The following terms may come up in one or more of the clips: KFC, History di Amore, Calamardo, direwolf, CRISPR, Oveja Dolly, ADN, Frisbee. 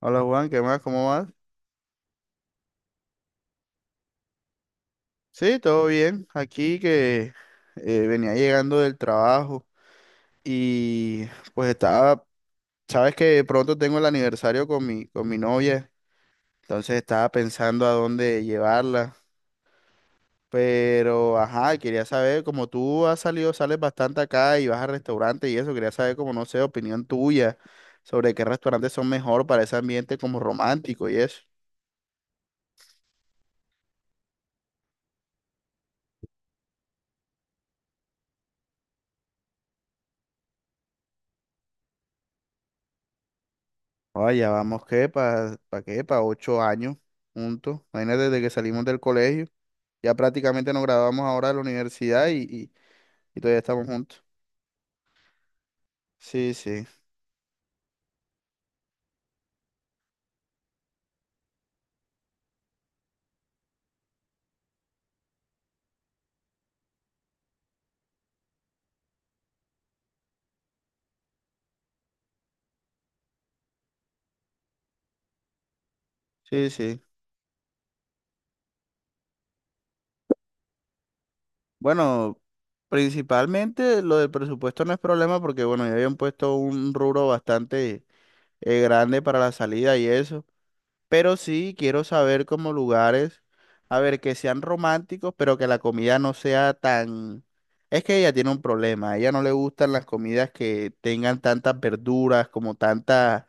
Hola Juan, ¿qué más? ¿Cómo vas? Sí, todo bien. Aquí que venía llegando del trabajo y pues estaba, sabes que pronto tengo el aniversario con mi novia, entonces estaba pensando a dónde llevarla, pero ajá, quería saber, como tú has salido, sales bastante acá y vas a restaurantes y eso, quería saber como, no sé, opinión tuya sobre qué restaurantes son mejor para ese ambiente como romántico y eso. Oye, ya vamos, ¿qué? ¿Para qué? Para 8 años juntos. Imagínate, desde que salimos del colegio. Ya prácticamente nos graduamos ahora de la universidad y todavía estamos juntos. Sí, sí, sí, sí. Bueno, principalmente lo del presupuesto no es problema porque, bueno, ya habían puesto un rubro bastante grande para la salida y eso. Pero sí quiero saber como lugares, a ver, que sean románticos, pero que la comida no sea tan... Es que ella tiene un problema, a ella no le gustan las comidas que tengan tantas verduras, como tanta...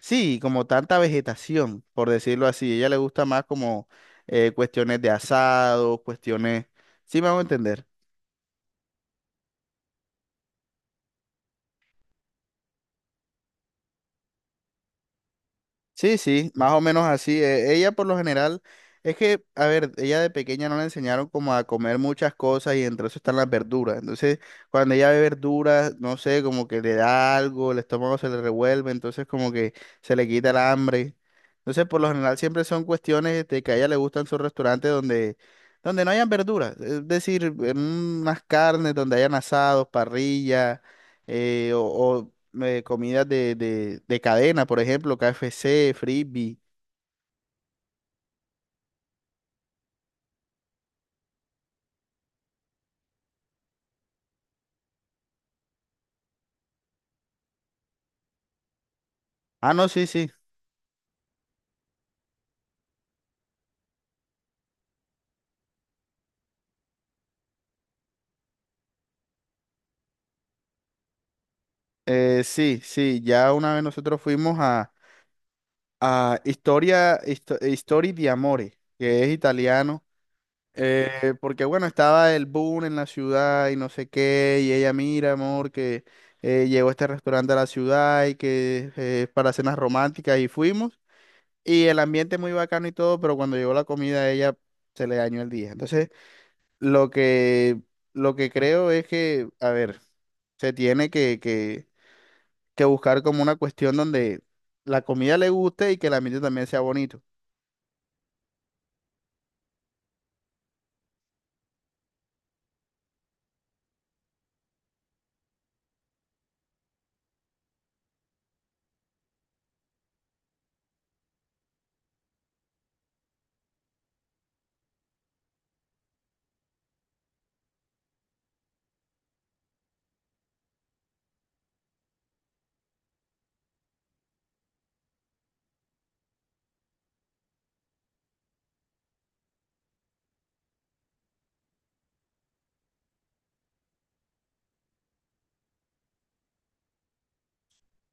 Sí, como tanta vegetación, por decirlo así. A ella le gusta más como cuestiones de asado, cuestiones... ¿Sí me hago entender? Sí, sí, más o menos así. Ella por lo general, es que, a ver, ella de pequeña no le enseñaron como a comer muchas cosas y entre eso están las verduras. Entonces, cuando ella ve verduras, no sé, como que le da algo, el estómago se le revuelve, entonces como que se le quita el hambre. Entonces, por lo general siempre son cuestiones de que a ella le gustan sus restaurantes donde no hayan verduras. Es decir, en unas carnes donde hayan asados, parrilla, o comidas de cadena, por ejemplo, KFC, Frisbee. Ah, no, sí, sí. Sí, sí, ya una vez nosotros fuimos a History di Amore, que es italiano, porque bueno, estaba el boom en la ciudad y no sé qué, y ella, mira, amor, que llegó este restaurante a la ciudad y que es para cenas románticas y fuimos, y el ambiente muy bacano y todo, pero cuando llegó la comida a ella se le dañó el día. Entonces... Lo que, lo que creo es que, a ver, se tiene que buscar como una cuestión donde la comida le guste y que el ambiente también sea bonito.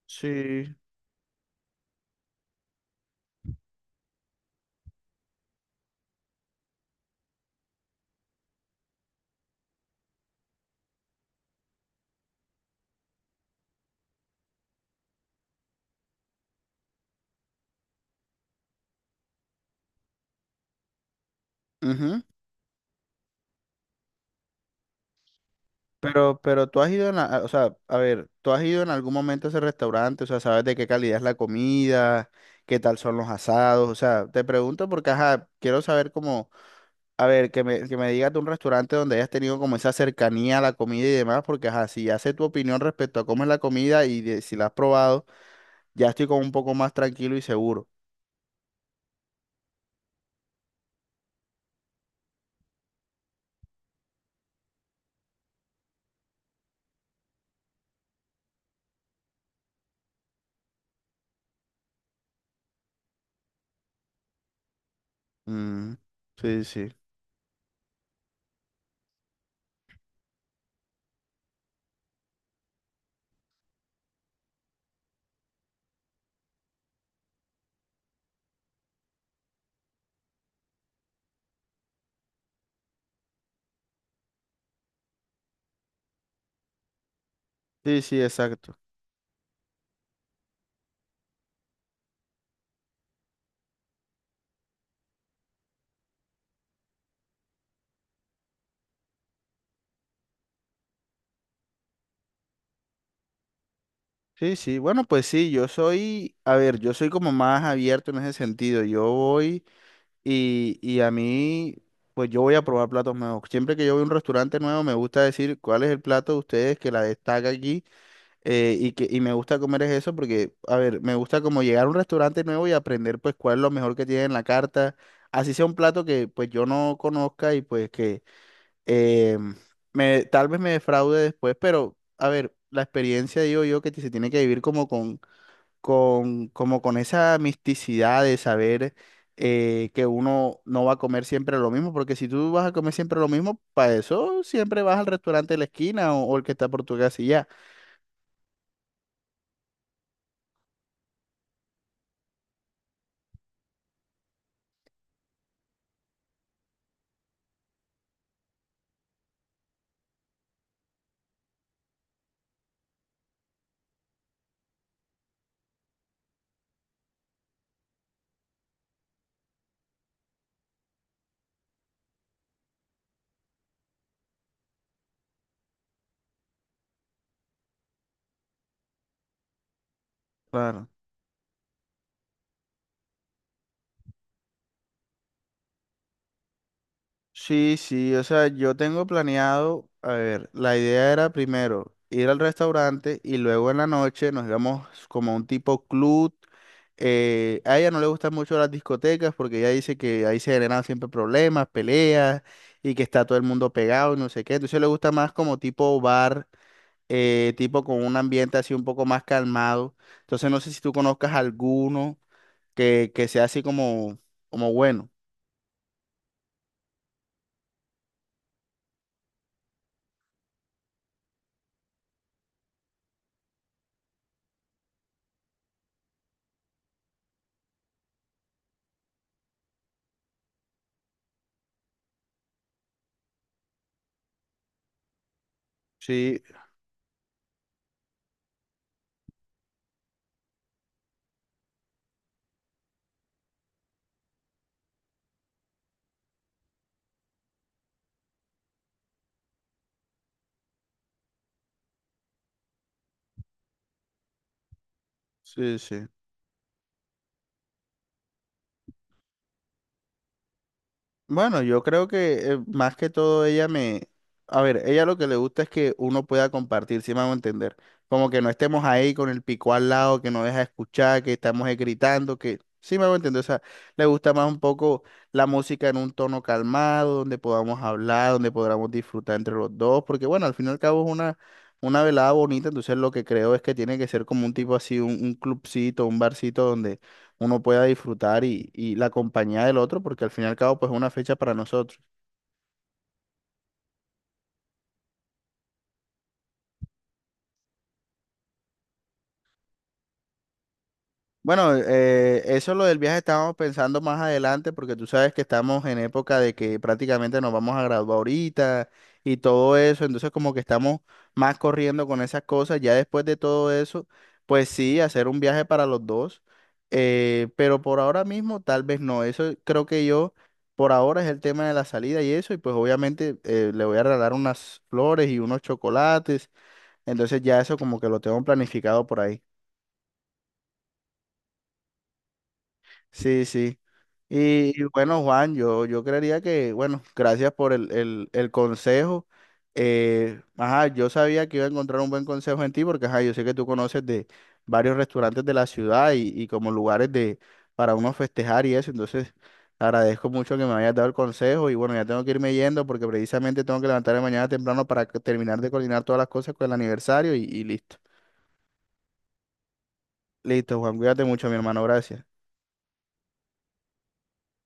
Sí, ujú. Pero tú has ido en, la- o sea, a ver, tú has ido en algún momento a ese restaurante, o sea, sabes de qué calidad es la comida, qué tal son los asados, o sea, te pregunto porque, ajá, quiero saber cómo. A ver, que me digas de un restaurante donde hayas tenido como esa cercanía a la comida y demás, porque ajá, si ya sé tu opinión respecto a cómo es la comida y de- si la has probado, ya estoy como un poco más tranquilo y seguro. Mm, sí, sí. Sí, sí, exacto. Sí, sí. Bueno, pues sí, yo soy, a ver, yo soy como más abierto en ese sentido. Yo voy y a mí, pues yo voy a probar platos nuevos. Siempre que yo voy a un restaurante nuevo, me gusta decir cuál es el plato de ustedes que la destaca aquí. Y que y me gusta comer es eso porque, a ver, me gusta como llegar a un restaurante nuevo y aprender pues cuál es lo mejor que tiene en la carta, así sea un plato que pues yo no conozca y pues que eh, me, tal vez me defraude después, pero a ver, la experiencia digo yo que se tiene que vivir como como con esa misticidad de saber que uno no va a comer siempre lo mismo, porque si tú vas a comer siempre lo mismo, para eso siempre vas al restaurante de la esquina o el que está por tu casa y ya. Claro. Sí, sí, o sea, yo tengo planeado, a ver, la idea era primero ir al restaurante y luego en la noche nos íbamos como a un tipo club. A ella no le gustan mucho las discotecas porque ella dice que ahí se generan siempre problemas, peleas y que está todo el mundo pegado y no sé qué. Entonces le gusta más como tipo bar, tipo con un ambiente así un poco más calmado. Entonces no sé si tú conozcas alguno que sea así como, como bueno. Sí, sí, sí. Bueno, yo creo que más que todo ella me... A ver, ella lo que le gusta es que uno pueda compartir, si me hago entender. Como que no estemos ahí con el pico al lado, que no deja escuchar, que estamos gritando, que... Sí me hago entender. O sea, le gusta más un poco la música en un tono calmado, donde podamos hablar, donde podamos disfrutar entre los dos. Porque bueno, al fin y al cabo es una velada bonita, entonces lo que creo es que tiene que ser como un tipo así, un clubcito, un barcito donde uno pueda disfrutar y la compañía del otro, porque al fin y al cabo, pues es una fecha para nosotros. Bueno, eso lo del viaje estábamos pensando más adelante porque tú sabes que estamos en época de que prácticamente nos vamos a graduar ahorita y todo eso, entonces como que estamos más corriendo con esas cosas, ya después de todo eso, pues sí, hacer un viaje para los dos, pero por ahora mismo tal vez no, eso creo que yo por ahora es el tema de la salida y eso, y pues obviamente le voy a regalar unas flores y unos chocolates, entonces ya eso como que lo tengo planificado por ahí. Sí, sí. Y bueno, Juan, yo creería que, bueno, gracias por el consejo. Ajá, yo sabía que iba a encontrar un buen consejo en ti porque, ajá, yo sé que tú conoces de varios restaurantes de la ciudad y como lugares de, para uno festejar y eso. Entonces, agradezco mucho que me hayas dado el consejo y bueno, ya tengo que irme yendo porque precisamente tengo que levantarme mañana temprano para que- terminar de coordinar todas las cosas con el aniversario y listo. Listo, Juan, cuídate mucho, mi hermano, gracias.